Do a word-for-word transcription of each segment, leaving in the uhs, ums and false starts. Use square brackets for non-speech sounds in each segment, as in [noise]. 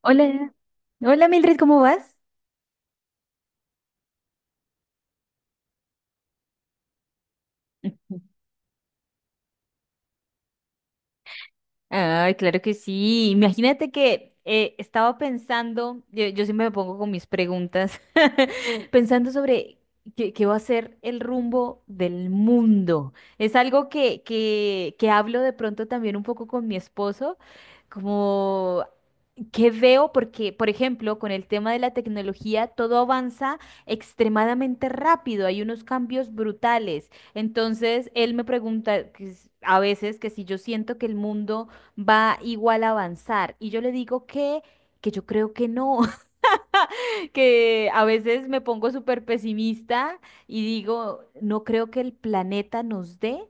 Hola, hola Mildred, ¿cómo vas? [laughs] Ujú. Ay, claro que sí. Imagínate que eh, estaba pensando, yo, yo siempre me pongo con mis preguntas, [laughs] pensando sobre qué, qué va a ser el rumbo del mundo. Es algo que, que, que hablo de pronto también un poco con mi esposo, como que veo porque, por ejemplo, con el tema de la tecnología, todo avanza extremadamente rápido, hay unos cambios brutales. Entonces, él me pregunta que s- a veces que si yo siento que el mundo va igual a avanzar y yo le digo que, que yo creo que no, [laughs] que a veces me pongo súper pesimista y digo, no creo que el planeta nos dé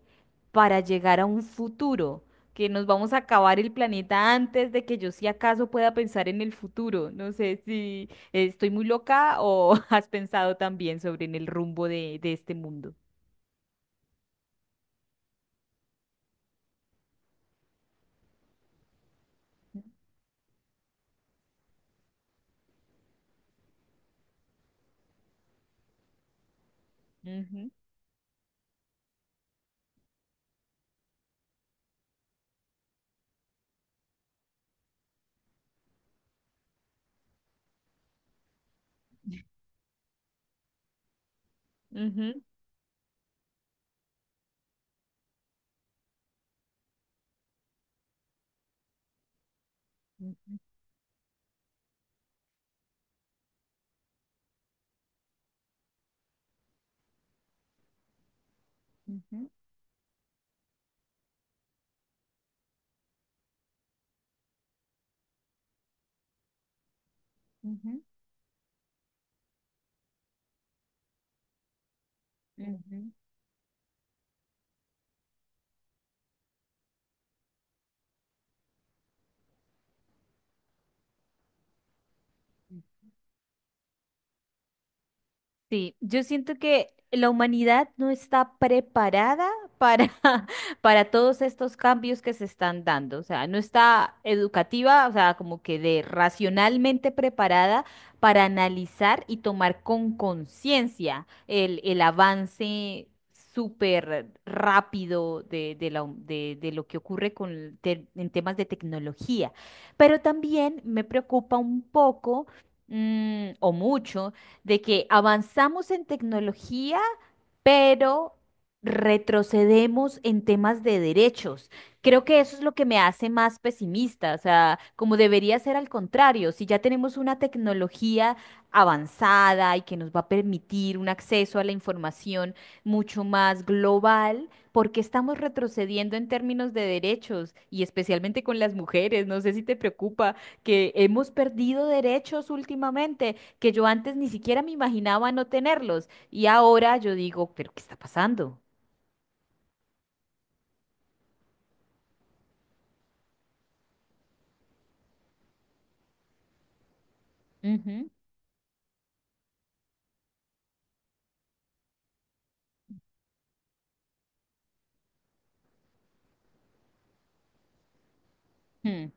para llegar a un futuro, que nos vamos a acabar el planeta antes de que yo si acaso pueda pensar en el futuro. No sé si estoy muy loca o [laughs] has pensado también sobre en el rumbo de, de este mundo. Ujú, ujú, ujú, ujú, ujú, ujú, ujú. Sí, yo siento que la humanidad no está preparada para, [laughs] para todos estos cambios que se están dando. O sea, no está educativa, o sea, como que de racionalmente preparada para analizar y tomar con conciencia el, el avance súper rápido de, de, la hum- de- de lo que ocurre con, te- en temas de tecnología. Pero también me preocupa un poco mm, o mucho de que avanzamos en tecnología pero retrocedemos en temas de derechos. Creo que eso es lo que me hace más pesimista, o sea, como debería ser al contrario, si ya tenemos una tecnología avanzada y que nos va a permitir un acceso a la información mucho más global, ¿por qué estamos retrocediendo en términos de derechos y especialmente con las mujeres? No sé si te preocupa que hemos perdido derechos últimamente que yo antes ni siquiera me imaginaba no tenerlos. Y ahora yo digo, ¿pero qué está pasando? Ujú, mm,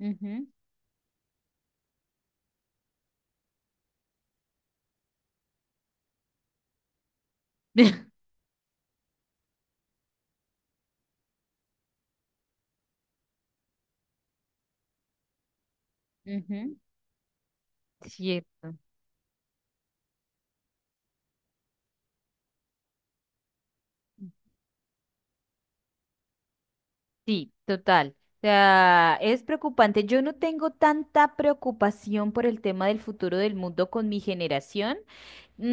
ujú, [laughs] ujú. Cierto. Sí, total. O sea, es preocupante. Yo no tengo tanta preocupación por el tema del futuro del mundo con mi generación. Mm,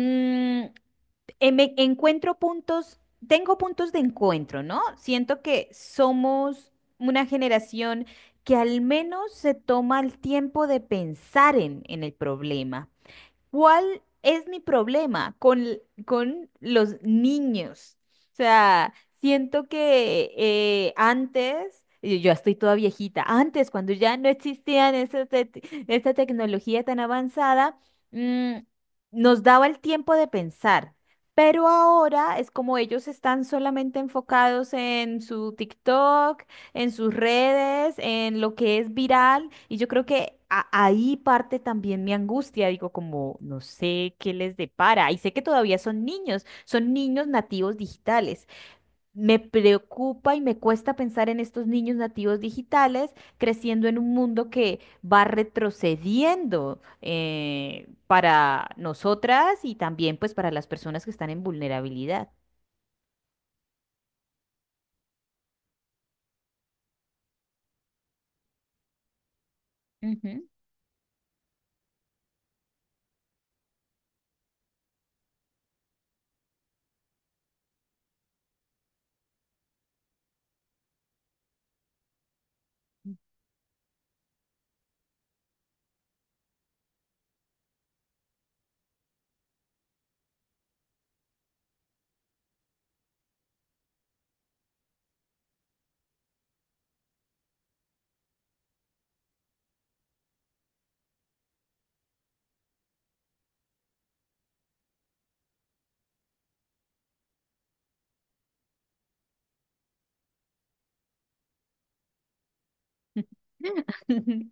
em- Me encuentro puntos, tengo puntos de encuentro, ¿no? Siento que somos una generación que al menos se toma el tiempo de pensar en, en el problema. ¿Cuál es mi problema con, l- con los niños? O sea, siento que eh, antes, y yo ya estoy toda viejita, antes cuando ya no existían esa te- esta tecnología tan avanzada, mm, nos daba el tiempo de pensar. Pero ahora es como ellos están solamente enfocados en su TikTok, en sus redes, en lo que es viral, y yo creo que a- ahí parte también mi angustia, digo, como no sé qué les depara, y sé que todavía son niños, son niños nativos digitales. Me preocupa y me cuesta pensar en estos niños nativos digitales creciendo en un mundo que va retrocediendo eh, para nosotras y también pues para las personas que están en vulnerabilidad. Ujú. [laughs]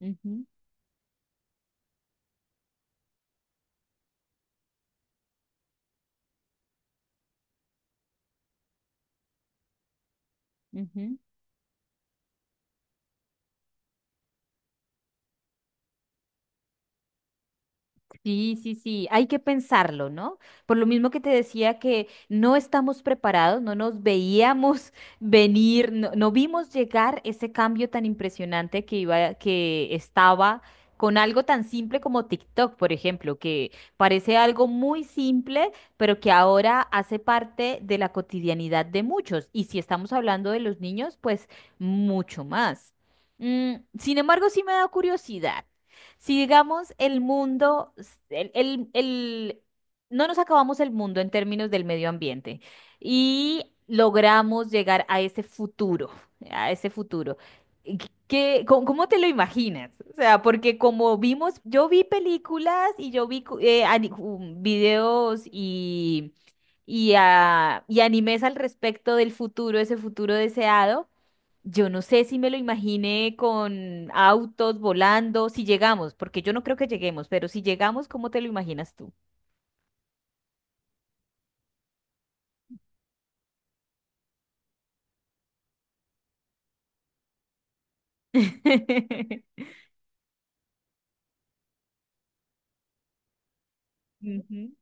Ujú, ujú. Sí, sí, sí, hay que pensarlo, ¿no? Por lo mismo que te decía que no estamos preparados, no nos veíamos [laughs] venir, no, no vimos llegar ese cambio tan impresionante que iba, que estaba con algo tan simple como TikTok, por ejemplo, que parece algo muy simple, pero que ahora hace parte de la cotidianidad de muchos. Y si estamos hablando de los niños, pues mucho más. Mm, sin embargo, sí me da curiosidad. Si digamos el mundo, el, el- el- no nos acabamos el mundo en términos del medio ambiente y logramos llegar a ese futuro, a ese futuro. ¿Qué, qué- cómo, cómo te lo imaginas? O sea, porque como vimos, yo vi películas y yo vi cu- eh, ani- um, videos y, y, ah, y animes al respecto del futuro, ese futuro deseado. Yo no sé si me lo imaginé con autos volando, si llegamos, porque yo no creo que lleguemos, pero si llegamos, ¿cómo te lo imaginas tú? [laughs] Ujú,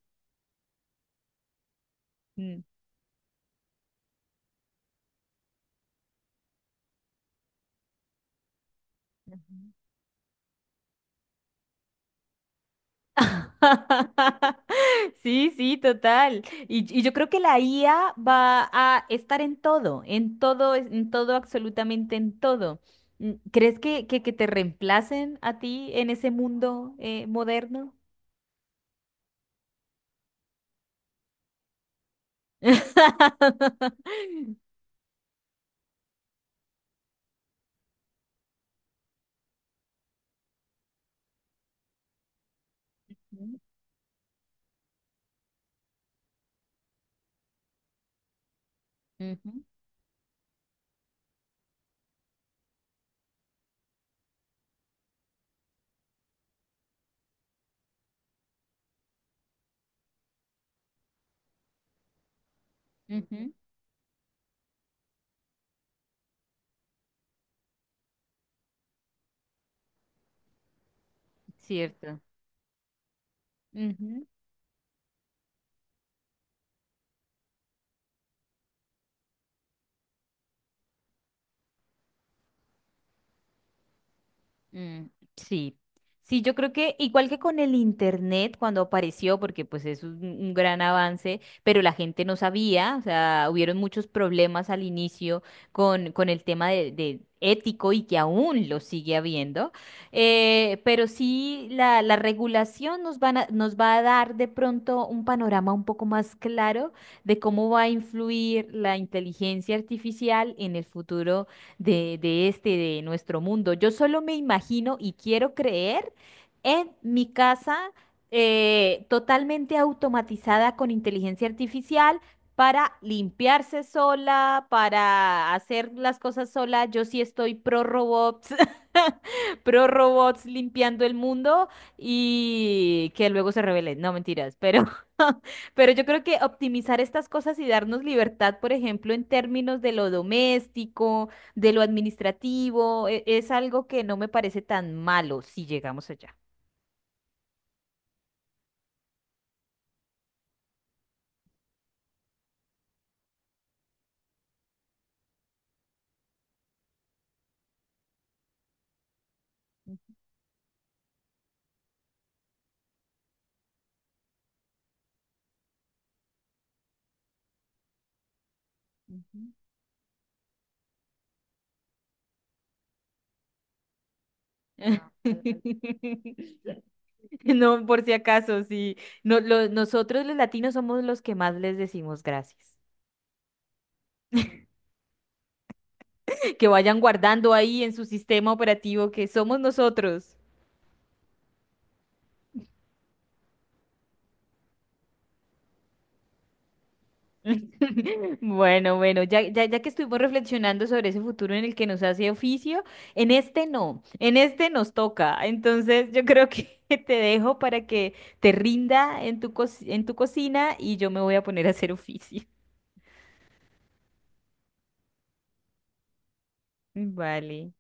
mm, ujú. [laughs] Sí, sí, total. Y, y yo creo que la I A va a estar en todo, en todo, en todo, absolutamente en todo. Mm, ¿Crees que, que, que te reemplacen a ti en ese mundo eh, moderno? [laughs] Ujú, ujú. Cierto. Ujú. Mm, sí. Sí, yo creo que igual que con el internet cuando apareció, porque pues es un, un gran avance, pero la gente no sabía, o sea, hubieron muchos problemas al inicio con, con el tema de, de ético y que aún lo sigue habiendo. Eh, pero sí, la, la regulación nos van a- nos va a dar de pronto un panorama un poco más claro de cómo va a influir la inteligencia artificial en el futuro de, de este, de nuestro mundo. Yo solo me imagino y quiero creer en mi casa eh, totalmente automatizada con inteligencia artificial para limpiarse sola, para hacer las cosas sola. Yo sí estoy pro robots, [laughs] pro robots limpiando el mundo y que luego se revelen. No, mentiras, pero [laughs] pero yo creo que optimizar estas cosas y darnos libertad, por ejemplo, en términos de lo doméstico, de lo administrativo, e- es algo que no me parece tan malo si llegamos allá. Ujú. Ah, [laughs] vale. No, por si acaso, sí. No, lo- nosotros los latinos somos los que más les decimos gracias. Que vayan guardando ahí en su sistema operativo que somos nosotros. [laughs] Bueno, bueno, ya, ya, ya que estuvimos reflexionando sobre ese futuro en el que nos hace oficio, en este no, en este nos toca. Entonces yo creo que [laughs] te dejo para que te rinda en tu, co- en tu cocina y yo me voy a poner a hacer oficio. [laughs] Vale.